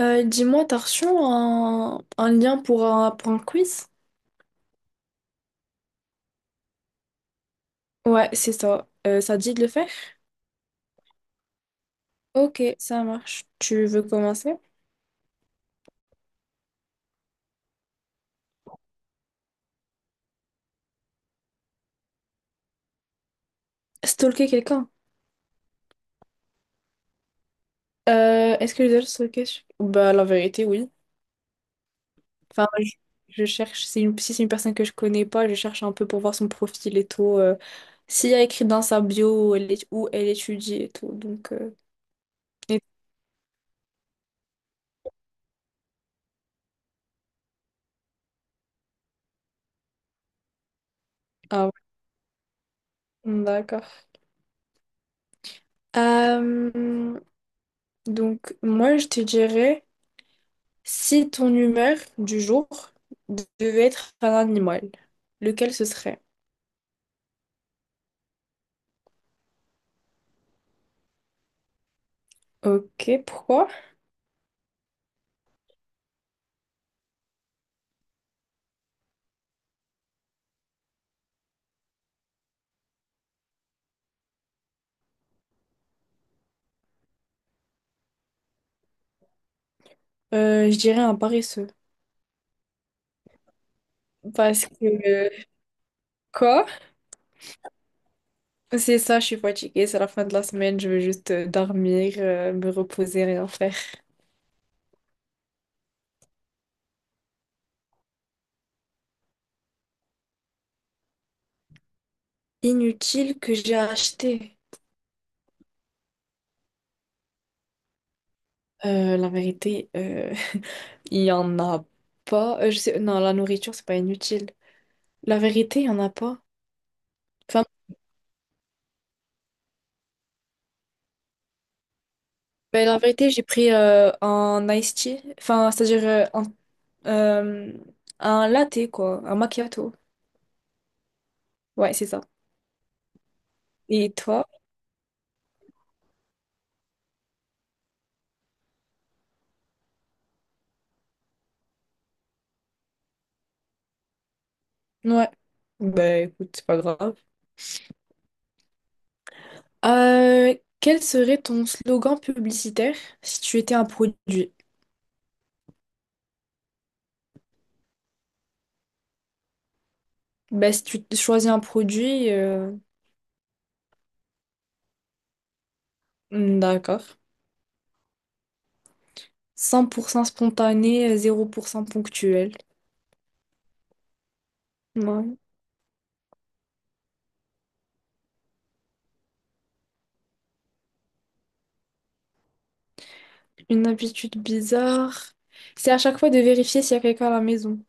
Dis-moi, t'as reçu un lien pour pour un quiz? Ouais, c'est ça. Ça te dit de le faire? Ok, ça marche. Tu veux commencer? Stalker quelqu'un? Est-ce que je dois le stalker? Bah, la vérité, oui. Enfin, je cherche, si c'est une personne que je connais pas, je cherche un peu pour voir son profil et tout. S'il y a écrit dans sa bio où elle étudie et tout. Donc, et- ah ouais, d'accord. Euh, donc, moi, je te dirais. Si ton humeur du jour devait être un animal, lequel ce serait? Ok, pourquoi? Je dirais un paresseux. Parce que, quoi? C'est ça, je suis fatiguée, c'est la fin de la semaine, je veux juste dormir, me reposer, rien faire. Inutile que j'ai acheté. La vérité, il y en a pas. Je sais, non, la nourriture, c'est pas inutile. La vérité, il y en a pas. Enfin, ben, la vérité, j'ai pris un iced tea, enfin, c'est-à-dire Euh, un latte, quoi. Un macchiato. Ouais, c'est ça. Et toi? Ouais. Bah écoute, c'est pas grave. Euh, Quel serait ton slogan publicitaire si tu étais un produit? Ben, si tu choisis un produit, hmm, d'accord. 100% spontané, 0% ponctuel. Ouais. Une habitude bizarre. C'est à chaque fois de vérifier s'il y a quelqu'un à la maison.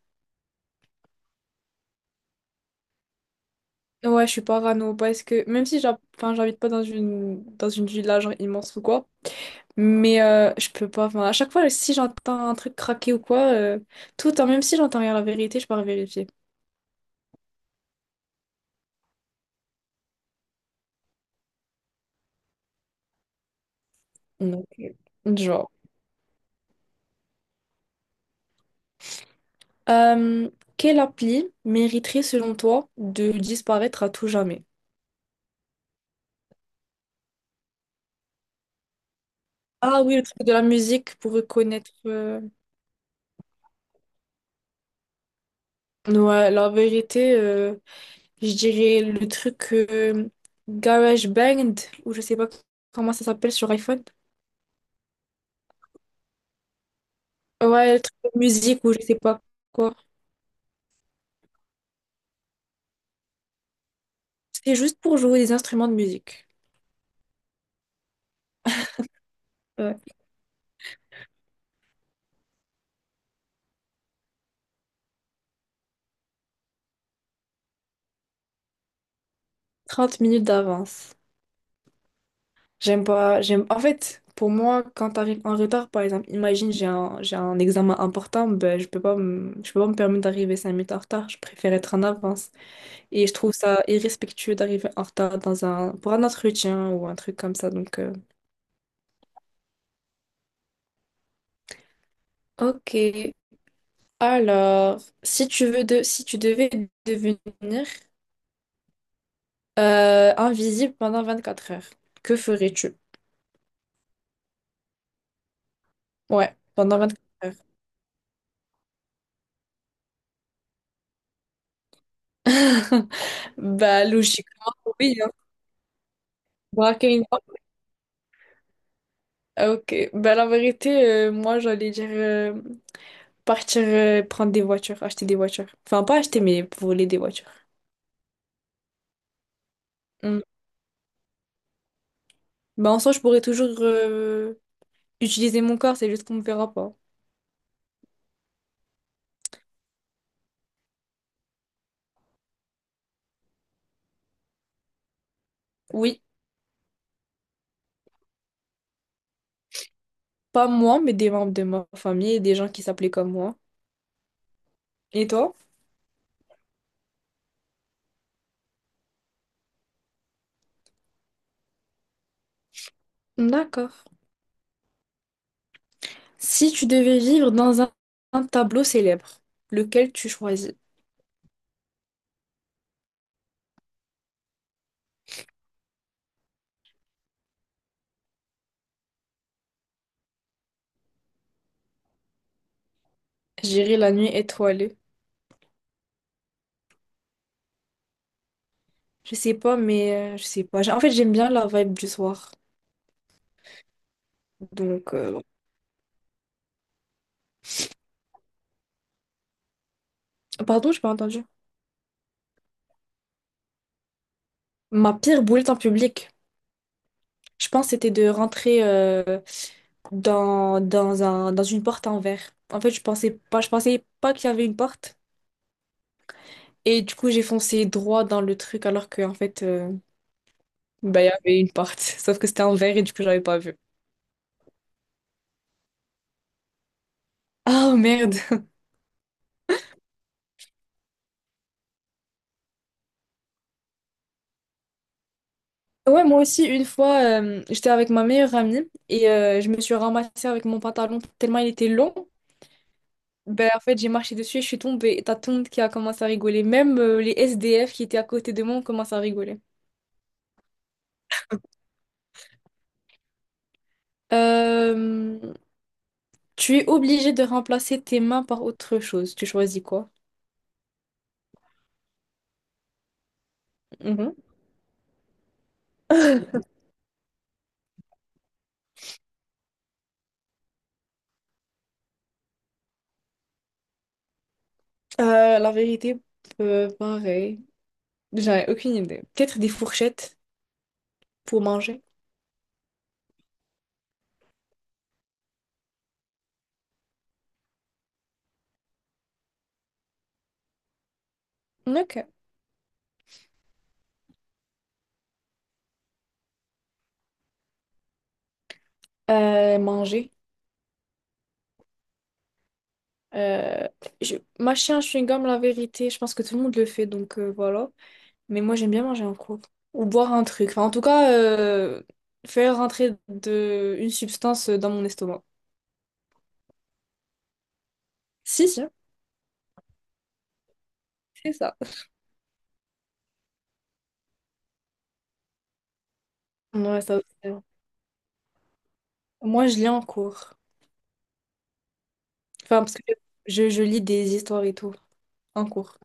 Ouais, je suis parano parce que même si enfin, j'habite pas dans une dans une ville là, genre immense ou quoi. Mais je peux pas. Enfin, à chaque fois, si j'entends un truc craquer ou quoi, tout, hein, même si j'entends rien la vérité, je pars vérifier. Donc, genre. Euh, Quelle appli mériterait, selon toi, de disparaître à tout jamais? Ah oui, le truc de la musique pour reconnaître. Ouais, la vérité, je dirais le truc GarageBand, ou je sais pas comment ça s'appelle sur iPhone. Ouais, le truc de musique, ou je sais pas quoi. C'est juste pour jouer des instruments de musique. Euh, 30 minutes d'avance. J'aime pas, j'aime. En fait, pour moi, quand t'arrives en retard, par exemple, imagine j'ai un examen important, ben, je peux pas me permettre d'arriver 5 minutes en retard. Je préfère être en avance. Et je trouve ça irrespectueux d'arriver en retard pour un entretien ou un truc comme ça. Donc, ok. Alors, si tu devais devenir invisible pendant 24 heures, que ferais-tu? Ouais, pendant 24 heures. Bah, logiquement, oui. Braquer une banque? Ah, ok. Ben, la vérité, moi, j'allais dire partir prendre des voitures, acheter des voitures. Enfin, pas acheter, mais voler des voitures. Hmm. Ben, en soi, je pourrais toujours utiliser mon corps, c'est juste qu'on me verra pas. Oui, pas moi, mais des membres de ma famille et des gens qui s'appelaient comme moi. Et toi? D'accord. Si tu devais vivre dans un tableau célèbre, lequel tu choisis? J'irai la nuit étoilée. Je sais pas, mais je sais pas. En fait, j'aime bien la vibe du soir. Donc, pardon, j'ai pas entendu. Ma pire boulette en public, je pense, c'était de rentrer dans une porte en verre. En fait, je pensais pas qu'il y avait une porte. Et du coup, j'ai foncé droit dans le truc alors que, en fait, bah, il y avait une porte. Sauf que c'était en verre et du coup, j'avais pas vu. Oh merde. Ouais, moi aussi, une fois, j'étais avec ma meilleure amie et je me suis ramassée avec mon pantalon tellement il était long. Ben, en fait, j'ai marché dessus et je suis tombée. Et t'as tout le monde qui a commencé à rigoler. Même les SDF qui étaient à côté de moi ont commencé à rigoler. Euh, Tu es obligé de remplacer tes mains par autre chose. Tu choisis quoi? Mhm. La vérité, pareil. J'en ai aucune idée. Peut-être des fourchettes pour manger. Ok. Manger. Euh, Mâcher un chewing-gum, la vérité, je pense que tout le monde le fait, donc voilà. Mais moi, j'aime bien manger en groupe. Ou boire un truc. Enfin, en tout cas, faire rentrer une substance dans mon estomac. Si, si, c'est ça. Ouais, ça aussi. Moi, je lis en cours. Enfin, parce que je lis des histoires et tout en cours.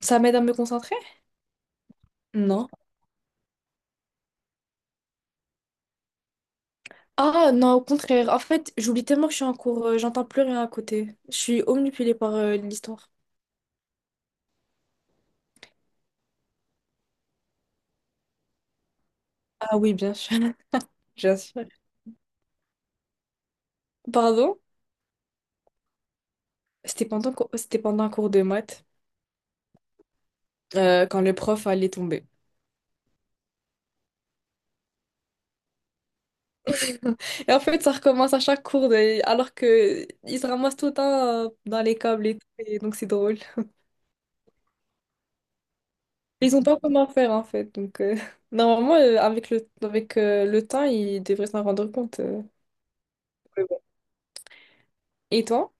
Ça m'aide à me concentrer? Non. Ah non, au contraire. En fait, j'oublie tellement que je suis en cours, j'entends plus rien à côté. Je suis omnipulée par l'histoire. Ah oui, bien sûr. Bien sûr. Pardon? C'était pendant un cours de maths, quand le prof allait tomber. Et en fait, ça recommence à chaque cours, alors que ils se ramassent tout le temps dans les câbles et tout, et donc c'est drôle. Ils ont pas comment faire en fait, donc normalement avec le temps, ils devraient s'en rendre compte. Mais bon. Et toi?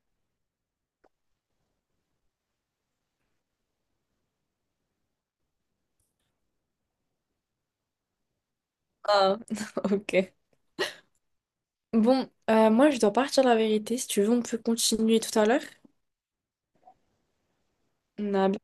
Ah, ok. Bon, moi je dois partir la vérité. Si tu veux, on peut continuer tout à l'heure. On a